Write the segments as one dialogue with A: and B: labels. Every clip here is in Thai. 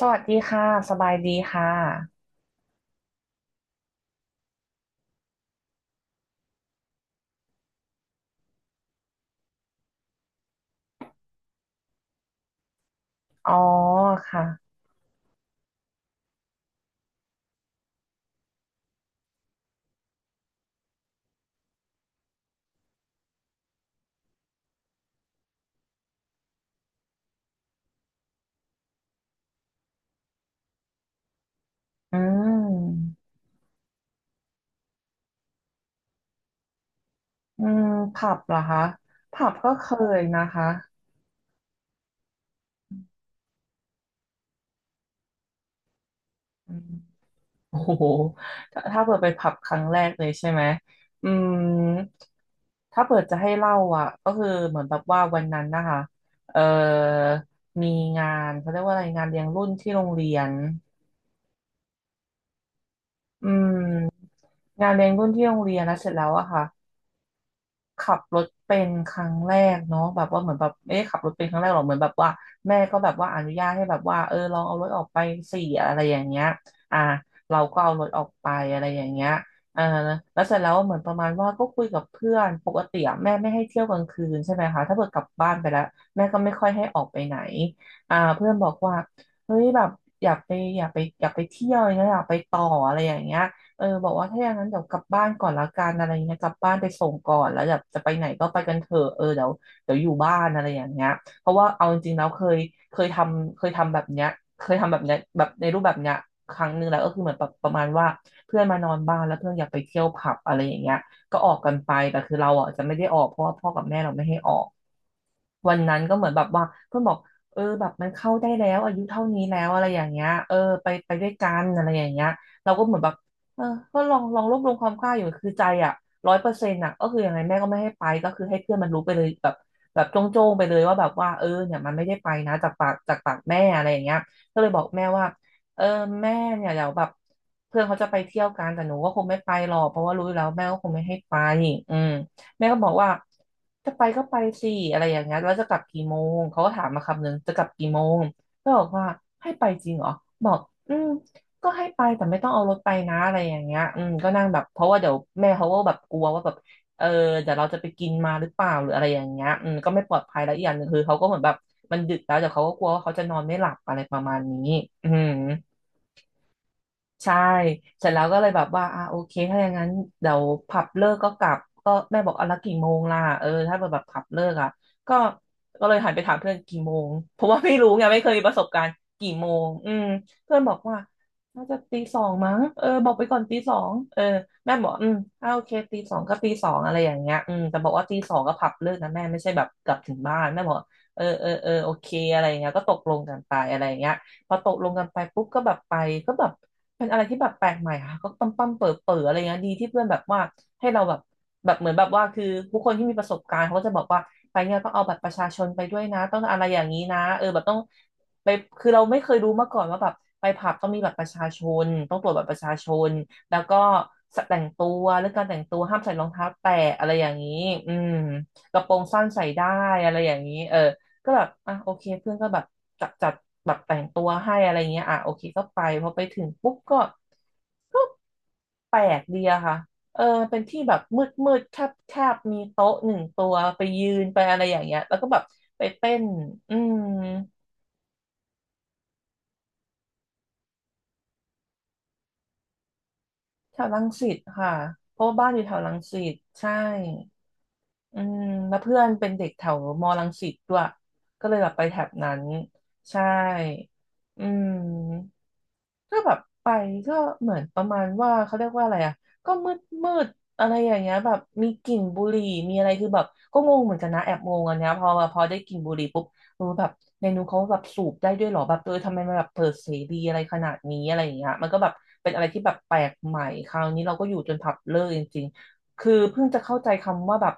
A: สวัสดีค่ะสบายดีค่ะอ๋อค่ะอืมอืมผับเหรอคะผับก็เคยนะคะอืมโอ้โหถ้าเปิดไปผับครั้งแรกเลยใช่ไหมอืมถ้าเปิดจะให้เล่าอ่ะก็คือเหมือนแบบว่าวันนั้นนะคะเอ่อมีงานเขาเรียกว่าอะไรงานเลี้ยงรุ่นที่โรงเรียนอืมงานเลี้ยงรุ่นที่โรงเรียนแล้วเสร็จแล้วอะค่ะ ขับรถเป็นครั้งแรกเนาะแบบว่าเหมือนแบบเอ๊ะขับรถเป็นครั้งแรกหรอเหมือนแบบว่าแม่ก็แบบว่าอนุญาตให้แบบว่าเออลองเอารถออกไปสี่อะไรอย่างเงี้ยอ่าเราก็เอารถออกไปอะไรอย่างเงี้ยเออแล้วเสร็จแล้วเหมือนประมาณว่าก็คุยกับเพื่อนปกติอะแม่ไม่ให้เที่ยวกลางคืนใช่ไหมคะถ้าเกิดกลับบ้านไปแล้วแม่ก็ไม่ค่อยให้ออกไปไหนเพื่อนบอกว่าเฮ้ยแบบอยากไปอยากไปอยากไปเที่ยวอย่างเงี้ยอยากไปต่ออะไรอย่างเงี้ย เออบอกว่าถ้าอย่างนั้นเดี๋ยวกลับบ้านก่อนละกันอะไรเงี้ยกลับบ้านไปส่งก่อนแล้วแบบจะไปไหนก็ไปกันเถอะเออเดี๋ยวอยู่บ้านอะไรอย่างเงี้ยเพราะว่าเอาจริงๆแล้วเคยเคยทำแบบเนี้ยเคยทำแบบเนี้ยแบบในรูปแบบเนี้ยครั้งหนึ่งแล้วก็คือเหมือนแบบประมาณว่าเพื่อนมานอนบ้านแล้วเพื่อนอยากไปเที่ยวผับอะไรอย่างเงี้ยก็ออกกันไปแต่คือเราอ่ะจะไม่ได้ออกเพราะว่าพ่อกับแม่เราไม่ให้ออก วันนั้นก็เหมือนแบบว่าเพื่อนบอกเออแบบมันเข้าได้แล้วอายุเท่านี้แล้วอะไรอย่างเงี้ยเออไปไปด้วยกันอะไรอย่างเงี้ยเราก็เหมือนแบบเออก็ลองลองรวบรวมความกล้าอยู่คือใจอ่ะร้อยเปอร์เซ็นต์อ่ะก็คือยังไงแม่ก็ไม่ให้ไปก็คือให้เพื่อนมันรู้ไปเลยแบบแบบโจ้งๆไปเลยว่าแบบว่าเออเนี่ยมันไม่ได้ไปนะจากปากจากปากแม่อะไรอย่างเงี้ยก็เลยบอกแม่ว่าเออแม่เนี่ยเดี๋ยวแบบเพื่อนเขาจะไปเที่ยวกันแต่หนูก็คงไม่ไปหรอกเพราะว่ารู้อยู่แล้วแม่ก็คงไม่ให้ไปอืม แม่ก็บอกว่าจะไปก็ไปสิอะไรอย่างเงี้ยแล้วจะกลับกี่โมงเขาก็ถามมาคำนึงจะกลับกี่โมงก็บอกว่าให้ไปจริงเหรอบอกอืมก็ให้ไปแต่ไม่ต้องเอารถไปนะอะไรอย่างเงี้ยอืมก็นั่งแบบเพราะว่าเดี๋ยวแม่เขาก็แบบกลัวว่าแบบเออเดี๋ยวเราจะไปกินมาหรือเปล่าหรืออะไรอย่างเงี้ยอืมก็ไม่ปลอดภัยแล้วอีกอย่างหนึ่งคือเขาก็เหมือนแบบมันดึกแล้วเดี๋ยวเขาก็กลัวว่าเขาจะนอนไม่หลับอะไรประมาณนี้อืม ใช่เสร็จแล้วก็เลยแบบว่าอ่ะโอเคถ้าอย่างนั้นเดี๋ยวผับเลิกก็กลับก็แม่บอกเอาละกี่โมงล่ะเออถ้าแบบผับเลิกอ่ะก็ก็เลยหันไปถามเพื่อนกี่โมงเพราะว่าไม่รู้ไงไม่เคยมีประสบการณ์กี่โมงอืมเพื่อนบอกว่าน่าจะตีสองมั้งเออบอกไปก่อนตีสองเออแม่บอกอืมโอเคตีสองก็ตีสองอะไรอย่างเงี้ยอืมแต่บอกว่าตีสองก็ผับเลิกนะแม่ไม่ใช่แบบกลับถึงบ้านแม่บอกเออเออเออโอเคอะไรอย่างเงี้ยก็ตกลงกันไปอะไรอย่างเงี้ยพอตกลงกันไปปุ๊บก็แบบไปก็แบบ เป็นอะไรที่แบบแปลกใหม่ค่ะก็ปั๊มปั๊มเปิดเปิดอะไรเงี้ยดีที่เพื่อนแบบว่าให้เราแบบแบบเหมือนแบบว่าคือผู้คนที่มีประสบการณ์เขาก็จะบอกว่าไปเนี่ยต้องเอาบัตรประชาชนไปด้วยนะต้องอะไรอย่างนี้นะเออแบบต้องไปคือเราไม่เคยรู้มาก่อนว่าแบบไปผับต้องมีบัตรประชาชนต้องตรวจบัตรประชาชนแล้วก็แต่งตัวเรื่องการแต่งตัวห้ามใส่รองเท้าแตะอะไรอย่างนี้อืมกระโปรงสั้นใส่ได้อะไรอย่างนี้เออ ก็แบบอ่ะโอเคเพื่อนก็แบบจัดแบบแต่งตัวให้อะไรเงี้ยอ่ะโอเคก็ไปพอไปถึงปุ๊บก็แปลกดีอะค่ะเออมันเป็นที่แบบมืดมืดแคบแคบมีโต๊ะหนึ่งตัวไปยืนไปอะไรอย่างเงี้ยแล้วก็แบบไปเต้นอืมแถวรังสิตค่ะเพราะว่าบ้านอยู่แถวรังสิตใช่อืมแล้วเพื่อนเป็นเด็กแถวมอรังสิตด้วยก็เลยแบบไปแถบนั้นใช่อืม ก็แบบไปก็เหมือนประมาณว่าเขาเรียกว่าอะไรอ่ะก็มืดมืดอะไรอย่างเงี้ยแบบมีกลิ่นบุหรี่มีอะไรคือแบบก็งงเหมือนกันนะแอบงงอันเนี้ยพอได้กลิ่นบุหรี่ปุ๊บเออแบบในนู้นเขาแบบสูบได้ด้วยเหรอแบบเออทำไมมันแบบเปิดเสรีอะไรขนาดนี้อะไรอย่างเงี้ยมันก็แบบเป็นอะไรที่แบบแปลกใหม่คราวนี้เราก็อยู่จนผับเลิกจริงๆคือเพิ่งจะเข้าใจคำว่าแบบ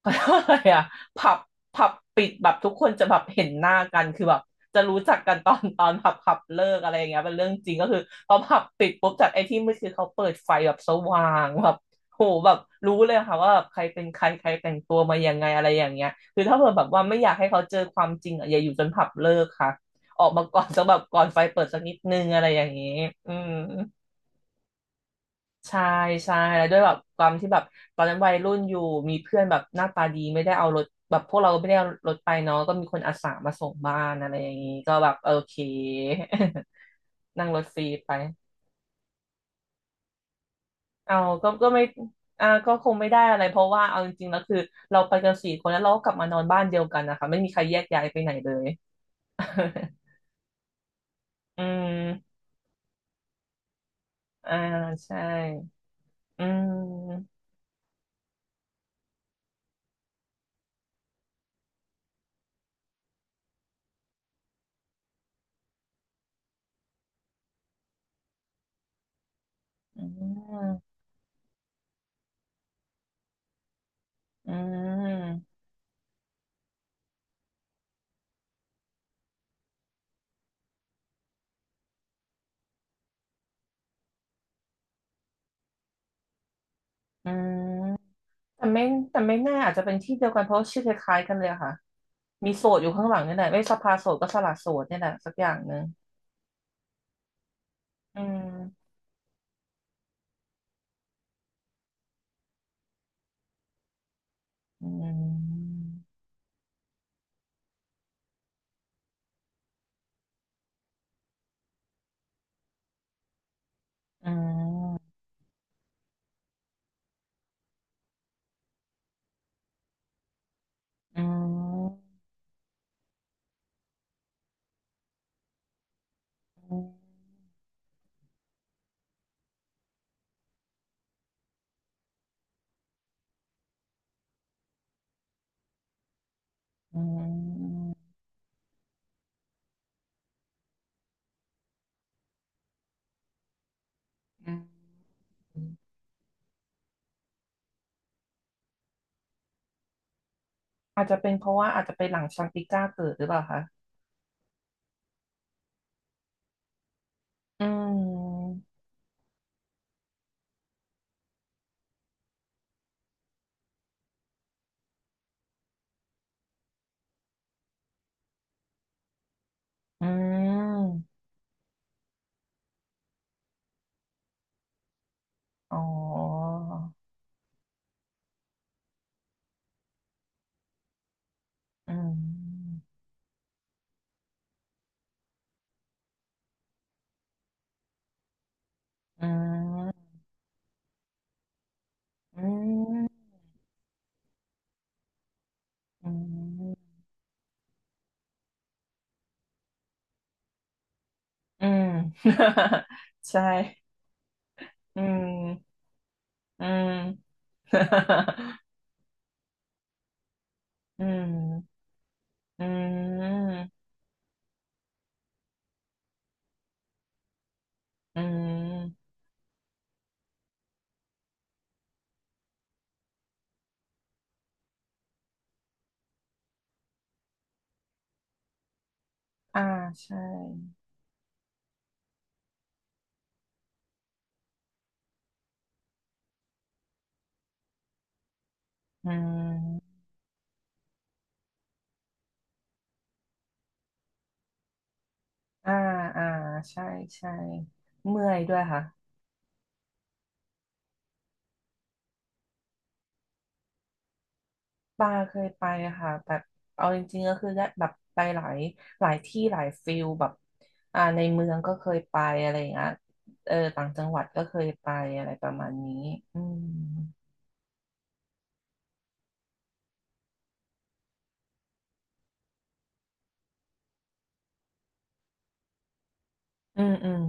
A: เขาเรียกว่าอะไรอ่ะผับปิดแบบทุกคนจะแบบเห็นหน้ากันคือแบบจะรู้จักกันตอน ตอนผับเลิกอะไรอย่างเงี้ยเป็นเรื่องจริงก็คือพอผับปิดปุ๊บจากไอ้ที่มืดคือเขาเปิดไฟแบบสว่างแบบโหแบบรู้เลยค่ะว่าแบบใครเป็นใครใครแต่งตัวมายังไงอะไรอย่างเงี้ยคือถ้าเผื่อแบบว่าไม่อยากให้เขาเจอความจริงอะอย่าอยู่จนผับเลิกค่ะออกมาก่อนสักแบบก่อนไฟเปิดสักนิดนึงอะไรอย่างเงี้ยอืม ใช่ใช่แล้วด้วยแบบความที่แบบตอนนั้นวัยรุ่นอยู่มีเพื่อนแบบหน้าตาดีไม่ได้เอารถแบบพวกเราไม่ได้เอารถไปเนาะก็มีคนอาสามาส่งบ้านอะไรอย่างนี้ก็แบบโอเค นั่งรถฟรีไปเอาก็ไม่อ่าก็คงไม่ได้อะไรเพราะว่าเอาจริงๆแล้วคือเราไปกันสี่คนแล้วเราก็กลับมานอนบ้านเดียวกันนะคะไม่มีใครแยกย้ายไปไหนเลย อืมอ่าใช่อืมอืมอืมอืม แต่ไม่แต่ไม่แน่อาจจะเป็นที่เดียวกันเพราะชื่อคล้ายๆกันเลยอะค่ะมีโสดอยู่ข้างหลังนี่แหละไม่สภาโสดก็สละโสดนี่แหละสักอย่างหนึ่งอืมอืมอืมอืมอืมอืมอาจจะเป็นเพราะว่าอาจจะไปหลังชังติก้าเกิดหรือเปล่าคะอืมอืมอ๋ออืมอืมอืมอืมอืม ใช่อืม อืม อืมอืมอืมอ่าใช่อืมอ่าอ่าใช่ใช่เมื่อยด้วยค่ะป้าเคยไปอะค่ะแบบเอาจริงๆก็คือได้แบบไปหลายหลายที่หลายฟิลแบบอ่าในเมืองก็เคยไปอะไรอย่างเงี้ยเออต่างจังหวัดก็เคยไปอะไรประมาณนี้อืมอืมอืม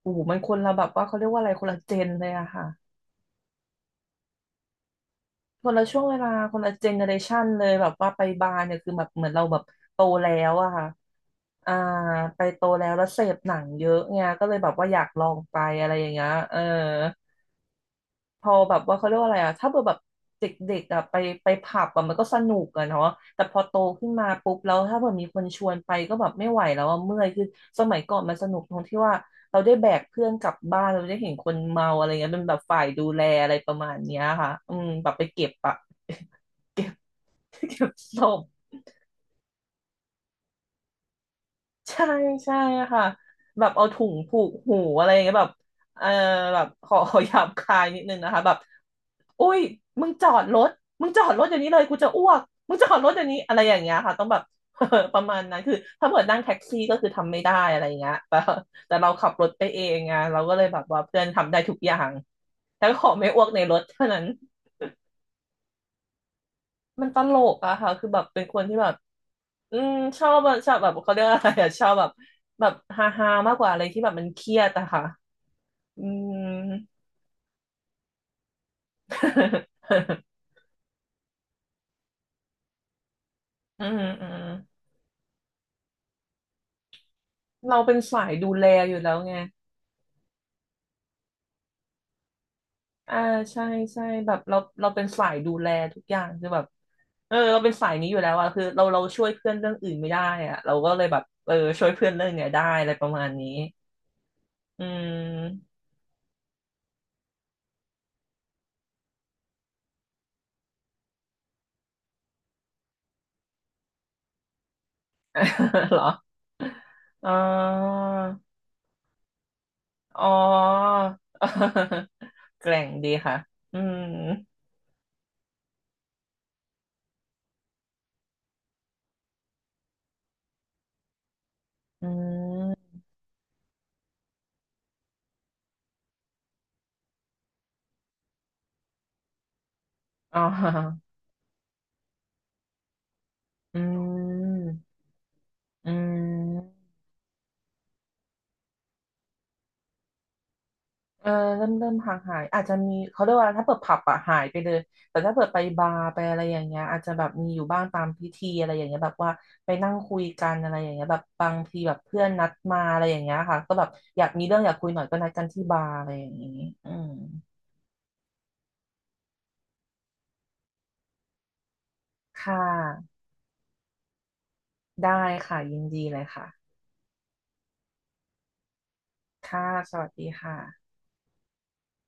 A: โอ้โหมันคนละแบบว่าเขาเรียกว่าอะไรคนละเจนเลยอะค่ะ คนละช่วงเวลาคนละเจเนอเรชันเลยแบบว่าไปบาร์เนี่ยคือแบบเหมือนเราแบบโตแล้วอะค่ะอ่าไปโตแล้วแล้วเสพหนังเยอะไงก็เลยแบบว่าอยากลองไปอะไรอย่างเงี้ยเออพอแบบว่าเขาเรียกว่าอะไรอะถ้าเกิดแบบเด็กๆอะไปผับอะมันก็สนุกอะเนาะแต่พอโตขึ้นมาปุ๊บแล้วถ้าเกิดมีคนชวนไปก็แบบไม่ไหวแล้วอะเมื่อยคือสมัยก่อนมันสนุกตรงที่ว่าเราได้แบกเพื่อนกลับบ้านเราได้เห็นคนเมาอะไรเงี้ยเป็นแบบฝ่ายดูแลอะไรประมาณเนี้ยค่ะอืมแบบไปเก็บอะ เก็บศพใช่ใช่ค่ะแบบเอาถุงผูกหูอะไรอย่างเงี้ยแบบเออแบบขอ ขอหยาบคายนิดนึงนะคะแบบอุ้ยมึงจอดรถมึงจอดรถอย่างนี้เลยกูจะอ้วกมึงจอดรถอย่างนี้อะไรอย่างเงี้ยค่ะต้องแบบ ประมาณนั้นคือถ้าเกิดนั่งแท็กซี่ก็คือทำไม่ได้อะไรอย่างเงี้ย แต่เราขับรถไปเองไงเราก็เลยแบบว่าเพื่อนทำได้ทุกอย่างแต่ขอไม่อ้วกในรถเท่านั้นมันตลกอะค่ะคือแบบเป็นคนที่แบบ อืมชอบอะชอบแบบเขาเรียกอะไรอะชอบแบบแบบฮาฮามากกว่าอะไรที่แบบมันเครียดอะค่ะอืม อืมอืมเราเป็นสายดูแลอยู่แล้วไงอ่าใช่ใช่แบบเราเป็นสายดูแลทุกอย่างคือแบบเออเราเป็นสายนี้อยู่แล้วอะคือเราช่วยเพื่อนเรื่องอื่นไม่ได้อะเราก็เลยแบบเออช่วยเพื่อนเรื่องเนี้ยได้อะไรประมาณนี้อืม เหรออ๋อ อ๋อ แกร่งดีค่ะอืมอืมอ๋ออืมอืมเออเริ่มห่างหายอาจจะมีเขาเรียกว่าถ้าเปิดผับอะหายไปเลยแต่ถ้าเปิดไปบาร์ไปอะไรอย่างเงี้ยอาจจะแบบมีอยู่บ้างตามพิธีอะไรอย่างเงี้ยแบบว่าไปนั่งคุยกันอะไรอย่างเงี้ยแบบบางทีแบบเพื่อนนัดมาอะไรอย่างเงี้ยค่ะก็แบบอยากมีเรื่องอยากคุยหน่อยก็นัดกันที่บาร์อะไรอย่างงี้อืมค่ะได้ค่ะยินดีเลยค่ะค่ะสวัสดีค่ะ